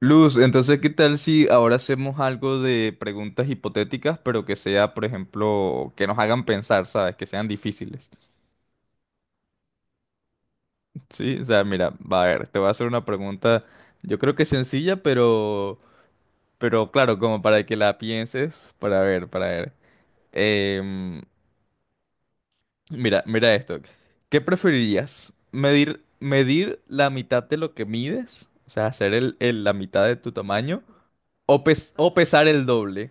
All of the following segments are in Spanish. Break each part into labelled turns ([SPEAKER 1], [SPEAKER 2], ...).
[SPEAKER 1] Luz, entonces, ¿qué tal si ahora hacemos algo de preguntas hipotéticas, pero que sea, por ejemplo, que nos hagan pensar, ¿sabes? Que sean difíciles. Sí, o sea, mira, va a ver, te voy a hacer una pregunta, yo creo que sencilla, pero claro, como para que la pienses, para ver, para ver. Em, mira, mira esto. ¿Qué preferirías? ¿Medir, medir la mitad de lo que mides? O sea, hacer la mitad de tu tamaño, o pesar el doble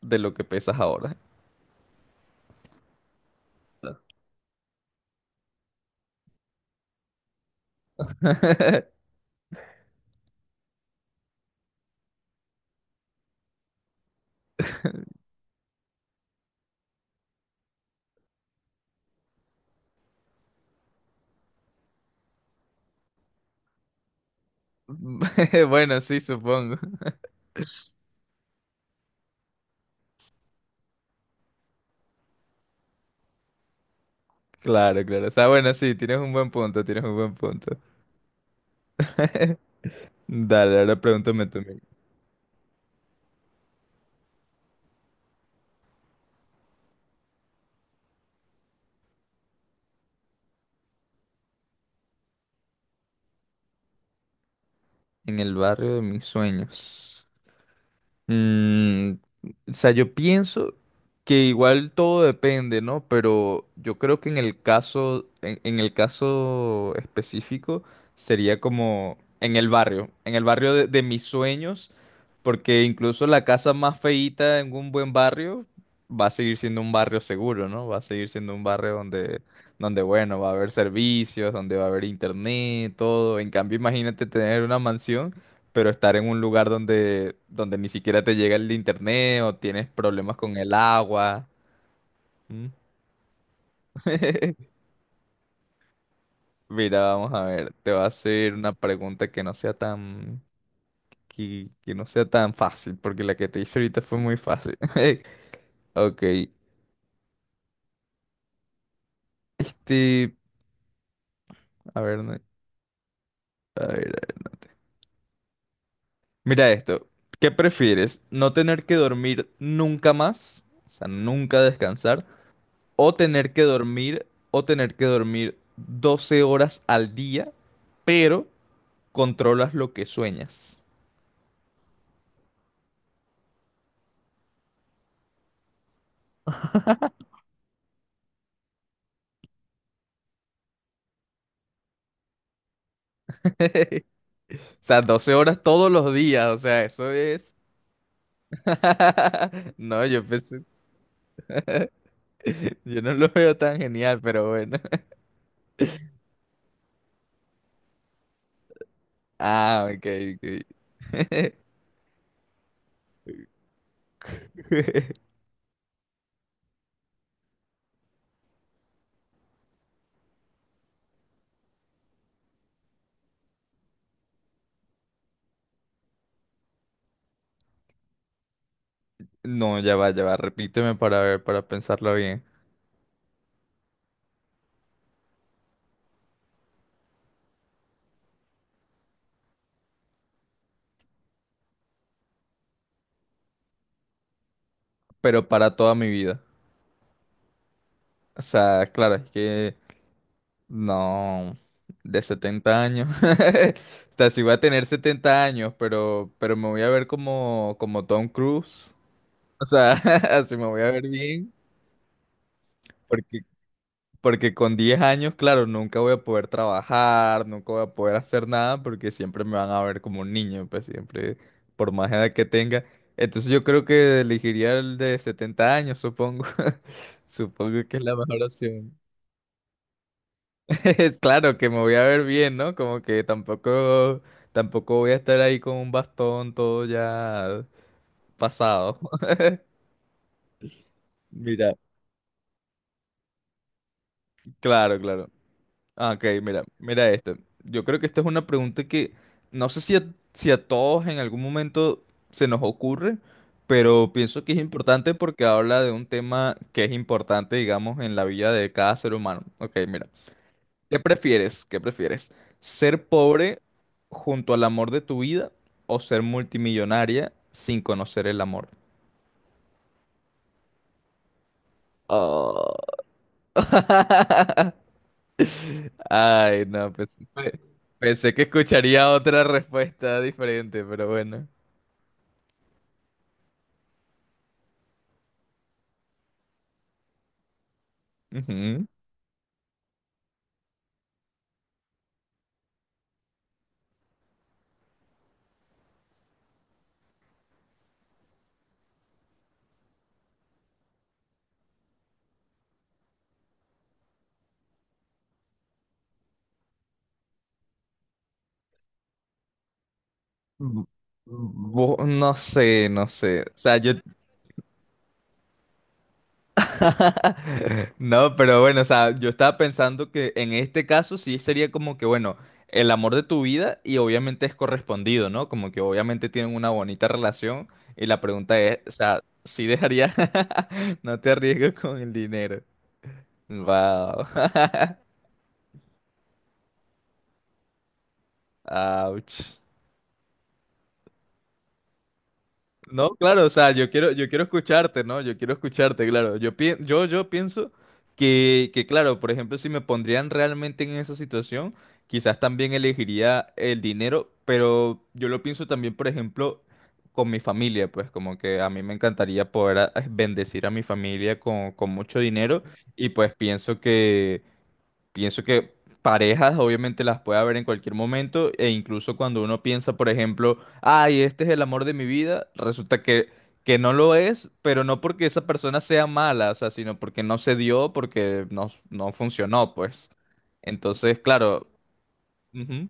[SPEAKER 1] de lo que pesas ahora. Bueno, sí, supongo. Claro, claro. O sea, bueno, sí, tienes un buen punto, tienes un buen punto. Dale, ahora pregúntame tú. Miguel. En el barrio de mis sueños. Mm, o sea, yo pienso que igual todo depende, ¿no? Pero yo creo que en el caso, en el caso específico, sería como en el barrio de mis sueños, porque incluso la casa más feíta en un buen barrio va a seguir siendo un barrio seguro, ¿no? Va a seguir siendo un barrio donde, donde bueno, va a haber servicios, donde va a haber internet, todo. En cambio, imagínate tener una mansión pero estar en un lugar donde, donde ni siquiera te llega el internet o tienes problemas con el agua. ¿Mm? Mira, vamos a ver, te voy a hacer una pregunta que no sea tan, que no sea tan fácil, porque la que te hice ahorita fue muy fácil. Ok, este, a ver, a ver, a ver. Mira esto, ¿qué prefieres? ¿No tener que dormir nunca más? O sea, nunca descansar. O tener que dormir, o tener que dormir 12 horas al día, pero controlas lo que sueñas. O sea, 12 horas todos los días, o sea, eso es... No, yo pensé... Yo no lo veo tan genial, pero bueno. Ah, ok, ok. No, ya va, repíteme para ver, para pensarlo bien. Pero para toda mi vida. O sea, claro, es que No, de 70 años. O sea, sí voy a tener 70 años, pero me voy a ver como, como Tom Cruise. O sea, así me voy a ver bien, porque, porque con 10 años, claro, nunca voy a poder trabajar, nunca voy a poder hacer nada, porque siempre me van a ver como un niño, pues siempre, por más edad que tenga. Entonces yo creo que elegiría el de 70 años, supongo. Supongo que es la mejor opción. Es claro que me voy a ver bien, ¿no? Como que tampoco, tampoco voy a estar ahí con un bastón todo ya pasado. Mira, claro, claro. Ah, ok, mira, mira esto. Yo creo que esta es una pregunta que no sé si a, todos en algún momento se nos ocurre, pero pienso que es importante porque habla de un tema que es importante, digamos, en la vida de cada ser humano. Ok, mira. ¿Qué prefieres? ¿Qué prefieres? ¿Ser pobre junto al amor de tu vida o ser multimillonaria sin conocer el amor? Oh. Ay, no, pues, pensé que escucharía otra respuesta diferente, pero bueno. Ujú. Bu- bu- No sé, no sé. O sea, yo, No, pero bueno, o sea, yo estaba pensando que en este caso sí sería como que, bueno, el amor de tu vida y obviamente es correspondido, ¿no? Como que obviamente tienen una bonita relación y la pregunta es, o sea, ¿sí dejaría? No te arriesgues con el dinero. Wow. Ouch. No, claro, o sea, yo quiero escucharte, ¿no? Yo quiero escucharte, claro. Yo, yo pienso que, claro, por ejemplo, si me pondrían realmente en esa situación, quizás también elegiría el dinero, pero yo lo pienso también, por ejemplo, con mi familia, pues como que a mí me encantaría poder bendecir a mi familia con mucho dinero y pues pienso Pienso que parejas obviamente las puede haber en cualquier momento e incluso cuando uno piensa, por ejemplo, ay, este es el amor de mi vida, resulta que no lo es, pero no porque esa persona sea mala, o sea, sino porque no se dio, porque no, no funcionó, pues. Entonces, claro. Ujú.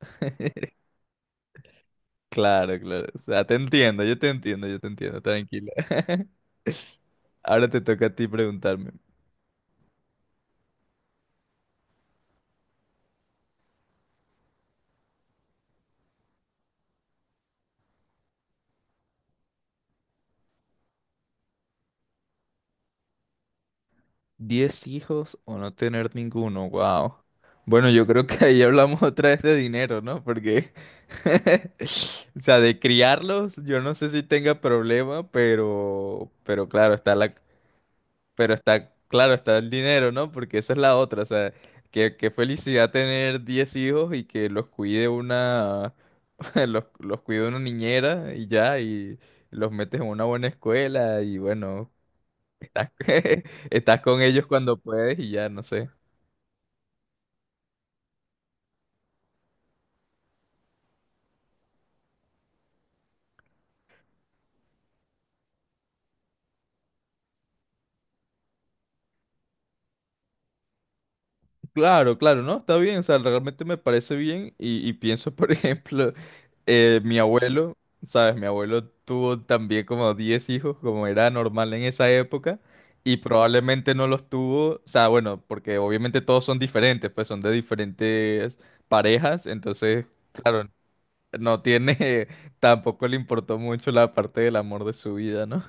[SPEAKER 1] Claro, claro. O sea, te entiendo, yo te entiendo, yo te entiendo, tranquila. Ahora te toca a ti preguntarme. ¿10 hijos o no tener ninguno? Wow. Bueno, yo creo que ahí hablamos otra vez de dinero, ¿no? Porque, o sea, de criarlos, yo no sé si tenga problema, pero claro, está la, pero está, claro, está el dinero, ¿no? Porque esa es la otra, o sea, que, qué felicidad tener 10 hijos y que los cuide una, los cuide una niñera y ya, y los metes en una buena escuela y bueno, Estás, estás con ellos cuando puedes y ya, no sé. Claro, claro, no, está bien, o sea, realmente me parece bien y pienso, por ejemplo, mi abuelo, ¿sabes? Mi abuelo tuvo también como 10 hijos, como era normal en esa época, y probablemente no los tuvo, o sea, bueno, porque obviamente todos son diferentes, pues son de diferentes parejas, entonces, claro, no tiene, tampoco le importó mucho la parte del amor de su vida, ¿no?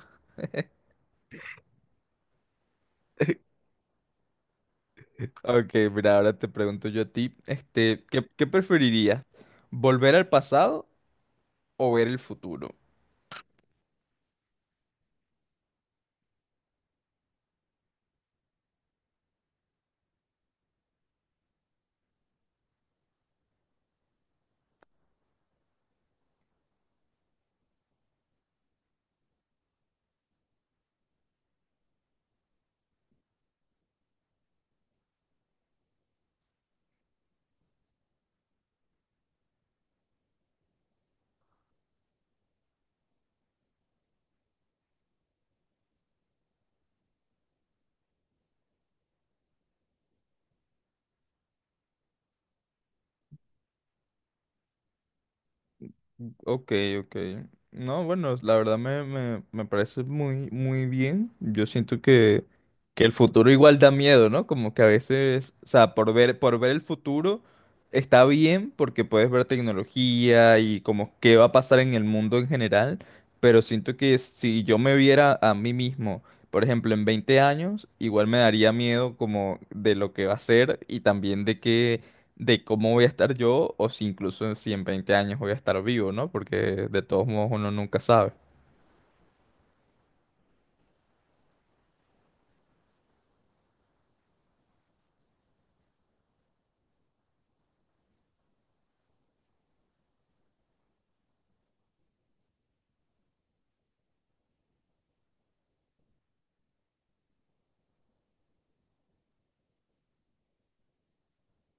[SPEAKER 1] Ok, mira, ahora te pregunto yo a ti, este, ¿qué, qué preferirías? ¿Volver al pasado o ver el futuro? Ok, ok. No, bueno, la verdad me parece muy, muy bien. Yo siento que el futuro igual da miedo, ¿no? Como que a veces, o sea, por ver el futuro está bien porque puedes ver tecnología y como qué va a pasar en el mundo en general, pero siento que si yo me viera a mí mismo, por ejemplo, en 20 años, igual me daría miedo como de lo que va a ser y también de que de cómo voy a estar yo o si incluso si en 20 años voy a estar vivo, ¿no? Porque de todos modos uno nunca sabe.